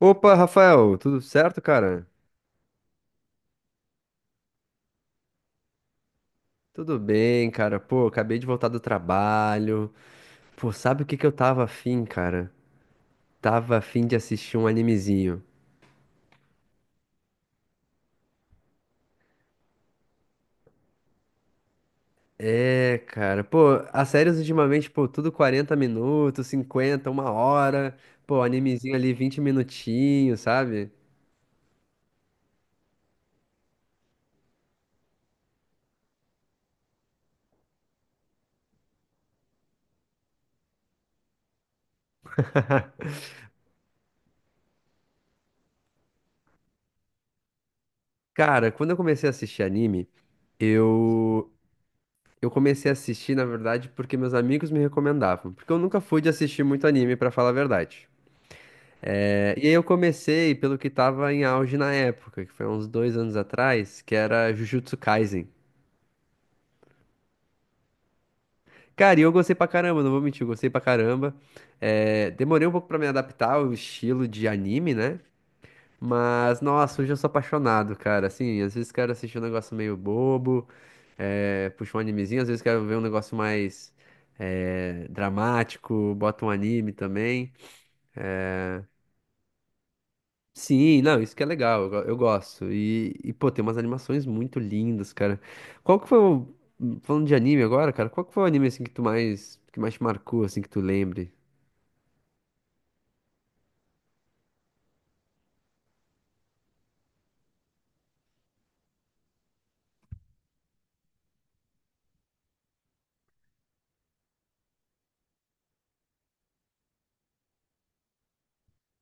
Opa, Rafael, tudo certo, cara? Tudo bem, cara. Pô, acabei de voltar do trabalho. Pô, sabe o que que eu tava afim, cara? Tava afim de assistir um animezinho. É, cara. Pô, as séries ultimamente, pô, tudo 40 minutos, 50, uma hora. Pô, animezinho ali 20 minutinhos, sabe? Cara, quando eu comecei a assistir anime, eu eu comecei a assistir, na verdade, porque meus amigos me recomendavam, porque eu nunca fui de assistir muito anime, pra falar a verdade. É, e aí eu comecei pelo que tava em auge na época, que foi uns dois anos atrás, que era Jujutsu Kaisen. Cara, e eu gostei pra caramba, não vou mentir, eu gostei pra caramba. É, demorei um pouco pra me adaptar ao estilo de anime, né? Mas, nossa, hoje eu sou apaixonado, cara. Assim, às vezes quero assistir um negócio meio bobo, é, puxa um animezinho, às vezes quero ver um negócio mais dramático, bota um anime também. Sim, não, isso que é legal, eu, eu gosto. E, pô, tem umas animações muito lindas, cara. Qual que foi o. Falando de anime agora, cara, qual que foi o anime assim que tu mais, que mais te marcou, assim, que tu lembre?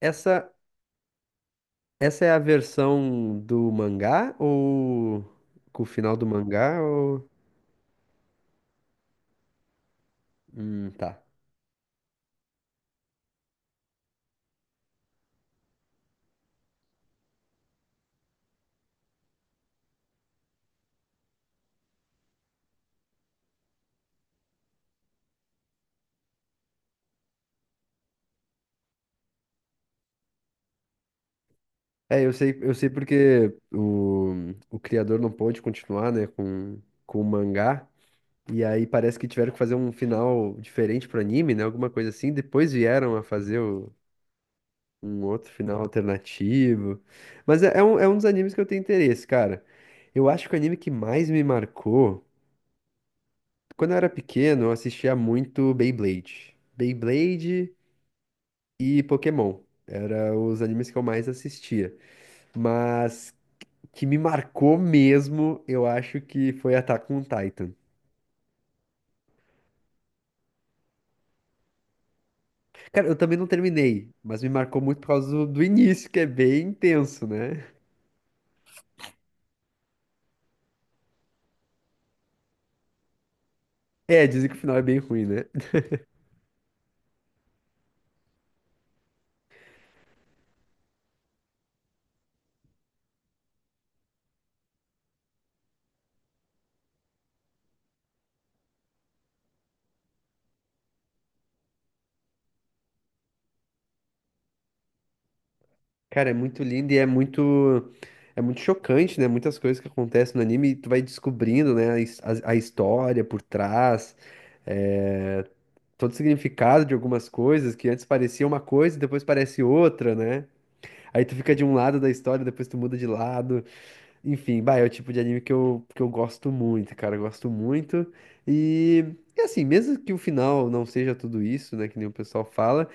Essa, essa é a versão do mangá ou com o final do mangá ou... tá. É, eu sei porque o criador não pôde continuar, né, com o mangá. E aí parece que tiveram que fazer um final diferente pro anime, né? Alguma coisa assim. Depois vieram a fazer um outro final alternativo. Mas é, é um dos animes que eu tenho interesse, cara. Eu acho que o anime que mais me marcou, quando eu era pequeno, eu assistia muito Beyblade. Beyblade e Pokémon. Eram os animes que eu mais assistia. Mas que me marcou mesmo, eu acho que foi Attack on Titan. Cara, eu também não terminei, mas me marcou muito por causa do início, que é bem intenso, né? É, dizem que o final é bem ruim, né? Cara, é muito lindo e é muito chocante, né? Muitas coisas que acontecem no anime, e tu vai descobrindo, né, a história por trás, eh, todo o significado de algumas coisas que antes parecia uma coisa e depois parece outra, né? Aí tu fica de um lado da história, depois tu muda de lado. Enfim, bah, é o tipo de anime que eu gosto muito, cara, eu gosto muito. E, e assim, mesmo que o final não seja tudo isso, né, que nem o pessoal fala.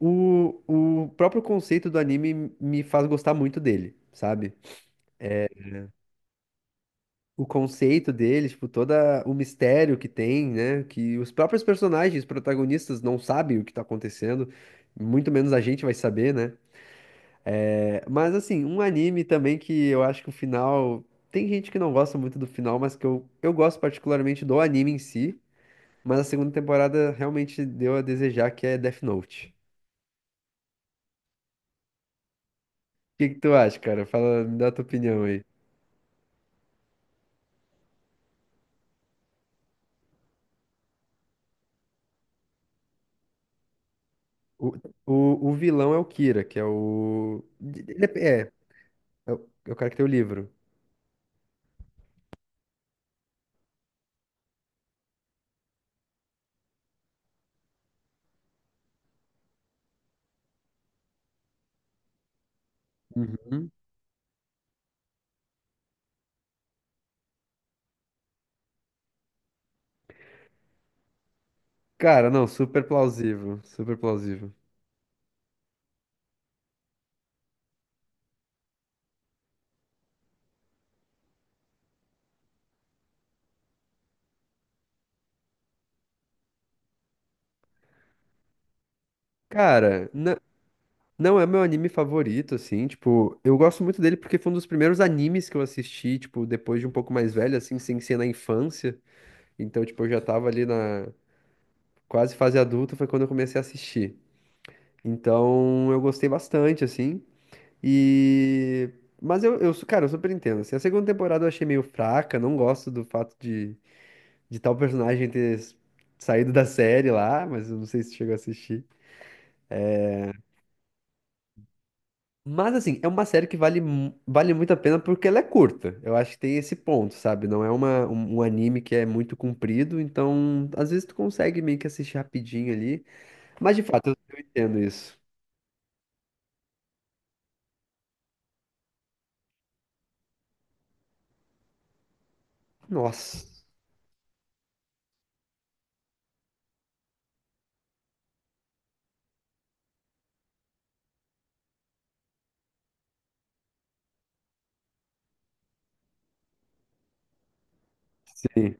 O, o próprio conceito do anime me faz gostar muito dele, sabe? O conceito dele, tipo, todo o mistério que tem, né? Que os próprios personagens, protagonistas, não sabem o que tá acontecendo, muito menos a gente vai saber, né? É, mas, assim, um anime também que eu acho que o final. Tem gente que não gosta muito do final, mas que eu gosto particularmente do anime em si. Mas a segunda temporada realmente deu a desejar, que é Death Note. O que que tu acha, cara? Fala, me dá a tua opinião aí. O, o vilão é o Kira, que é o. Ele é é o cara que tem o livro. Uhum. Cara, não, super plausível, super plausível. Cara, não é meu anime favorito, assim, tipo, eu gosto muito dele porque foi um dos primeiros animes que eu assisti, tipo, depois de um pouco mais velho, assim, sem ser na infância. Então, tipo, eu já tava ali na quase fase adulta, foi quando eu comecei a assistir. Então, eu gostei bastante, assim. E. Mas eu, cara, eu super entendo. Assim, a segunda temporada eu achei meio fraca, não gosto do fato de tal personagem saído da série lá, mas eu não sei se tu chegou a assistir. Mas assim, é uma série que vale, vale muito a pena porque ela é curta. Eu acho que tem esse ponto, sabe? Não é um anime que é muito comprido, então às vezes tu consegue meio que assistir rapidinho ali. Mas de fato, eu entendo isso. Nossa. Sim.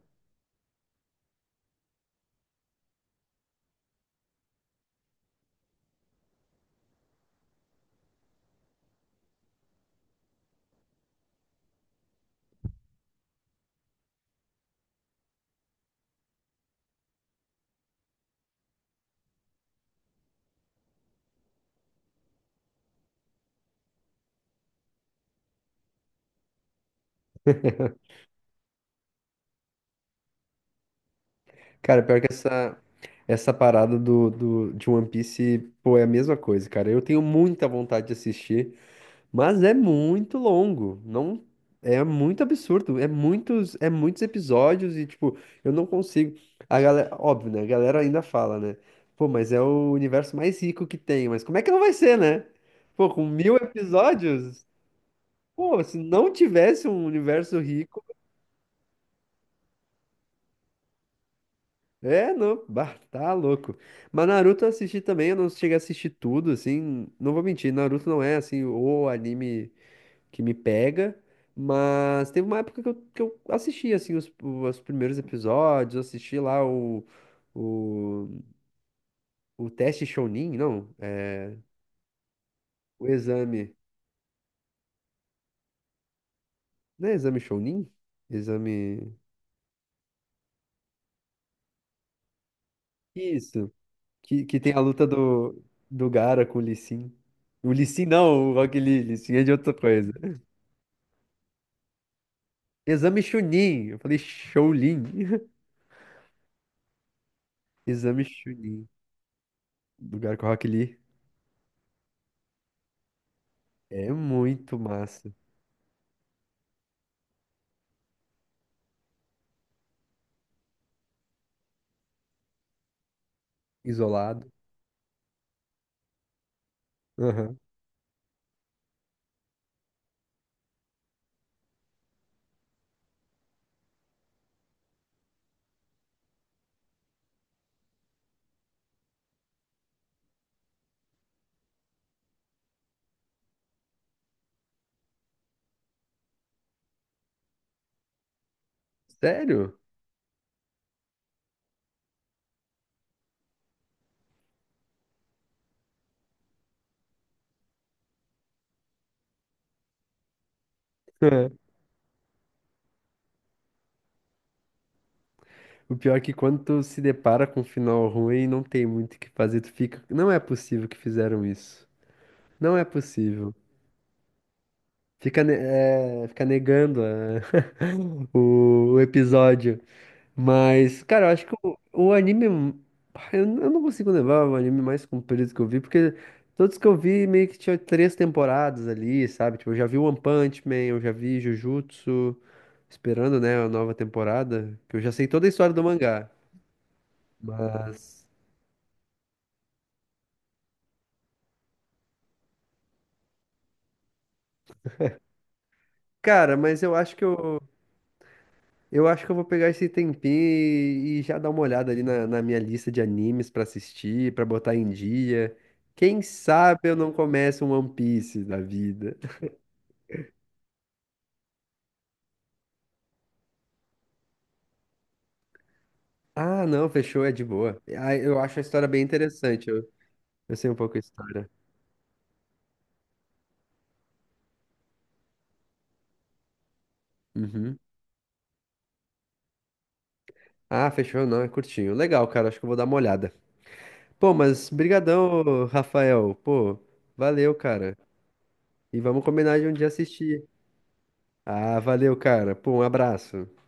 Cara, pior que essa parada de One Piece, pô, é a mesma coisa, cara. Eu tenho muita vontade de assistir, mas é muito longo. Não, é muito absurdo. É muitos episódios e, tipo, eu não consigo. A galera, óbvio, né? A galera ainda fala, né? Pô, mas é o universo mais rico que tem. Mas como é que não vai ser, né? Pô, com mil episódios? Pô, se não tivesse um universo rico. É, não, bah, tá louco. Mas Naruto eu assisti também, eu não cheguei a assistir tudo, assim, não vou mentir, Naruto não é, assim, o anime que me pega, mas teve uma época que eu assisti, assim, os primeiros episódios, eu assisti lá o, o teste Chunin, não, é, o exame, não é exame Chunin? Exame, isso, que tem a luta do Gaara com o Lee Sin. O Lee Sin não, o Rock Lee, Lee Sin é de outra coisa. Exame Chunin. Eu falei Shaolin. Exame Chunin. Lugar com o Rock Lee. É muito massa. Isolado. Aham. Sério? O pior é que quando tu se depara com um final ruim, não tem muito o que fazer. Tu fica. Não é possível que fizeram isso. Não é possível. Fica, é, fica negando o episódio. Mas, cara, eu acho que o anime. Eu, eu não consigo levar o anime mais comprido que eu vi, porque todos que eu vi meio que tinha três temporadas ali, sabe? Tipo, eu já vi One Punch Man, eu já vi Jujutsu, esperando, né, a nova temporada, que eu já sei toda a história do mangá. Mas, cara, mas eu acho que eu. Eu acho que eu vou pegar esse tempinho e já dar uma olhada ali na minha lista de animes pra assistir, pra botar em dia. Quem sabe eu não começo um One Piece da vida. Ah, não, fechou, é de boa. Ah, eu acho a história bem interessante. Eu sei um pouco a história. Uhum. Ah, fechou, não, é curtinho. Legal, cara, acho que eu vou dar uma olhada. Pô, mas brigadão, ô, Rafael. Pô, valeu, cara. E vamos combinar de um dia assistir. Ah, valeu, cara. Pô, um abraço.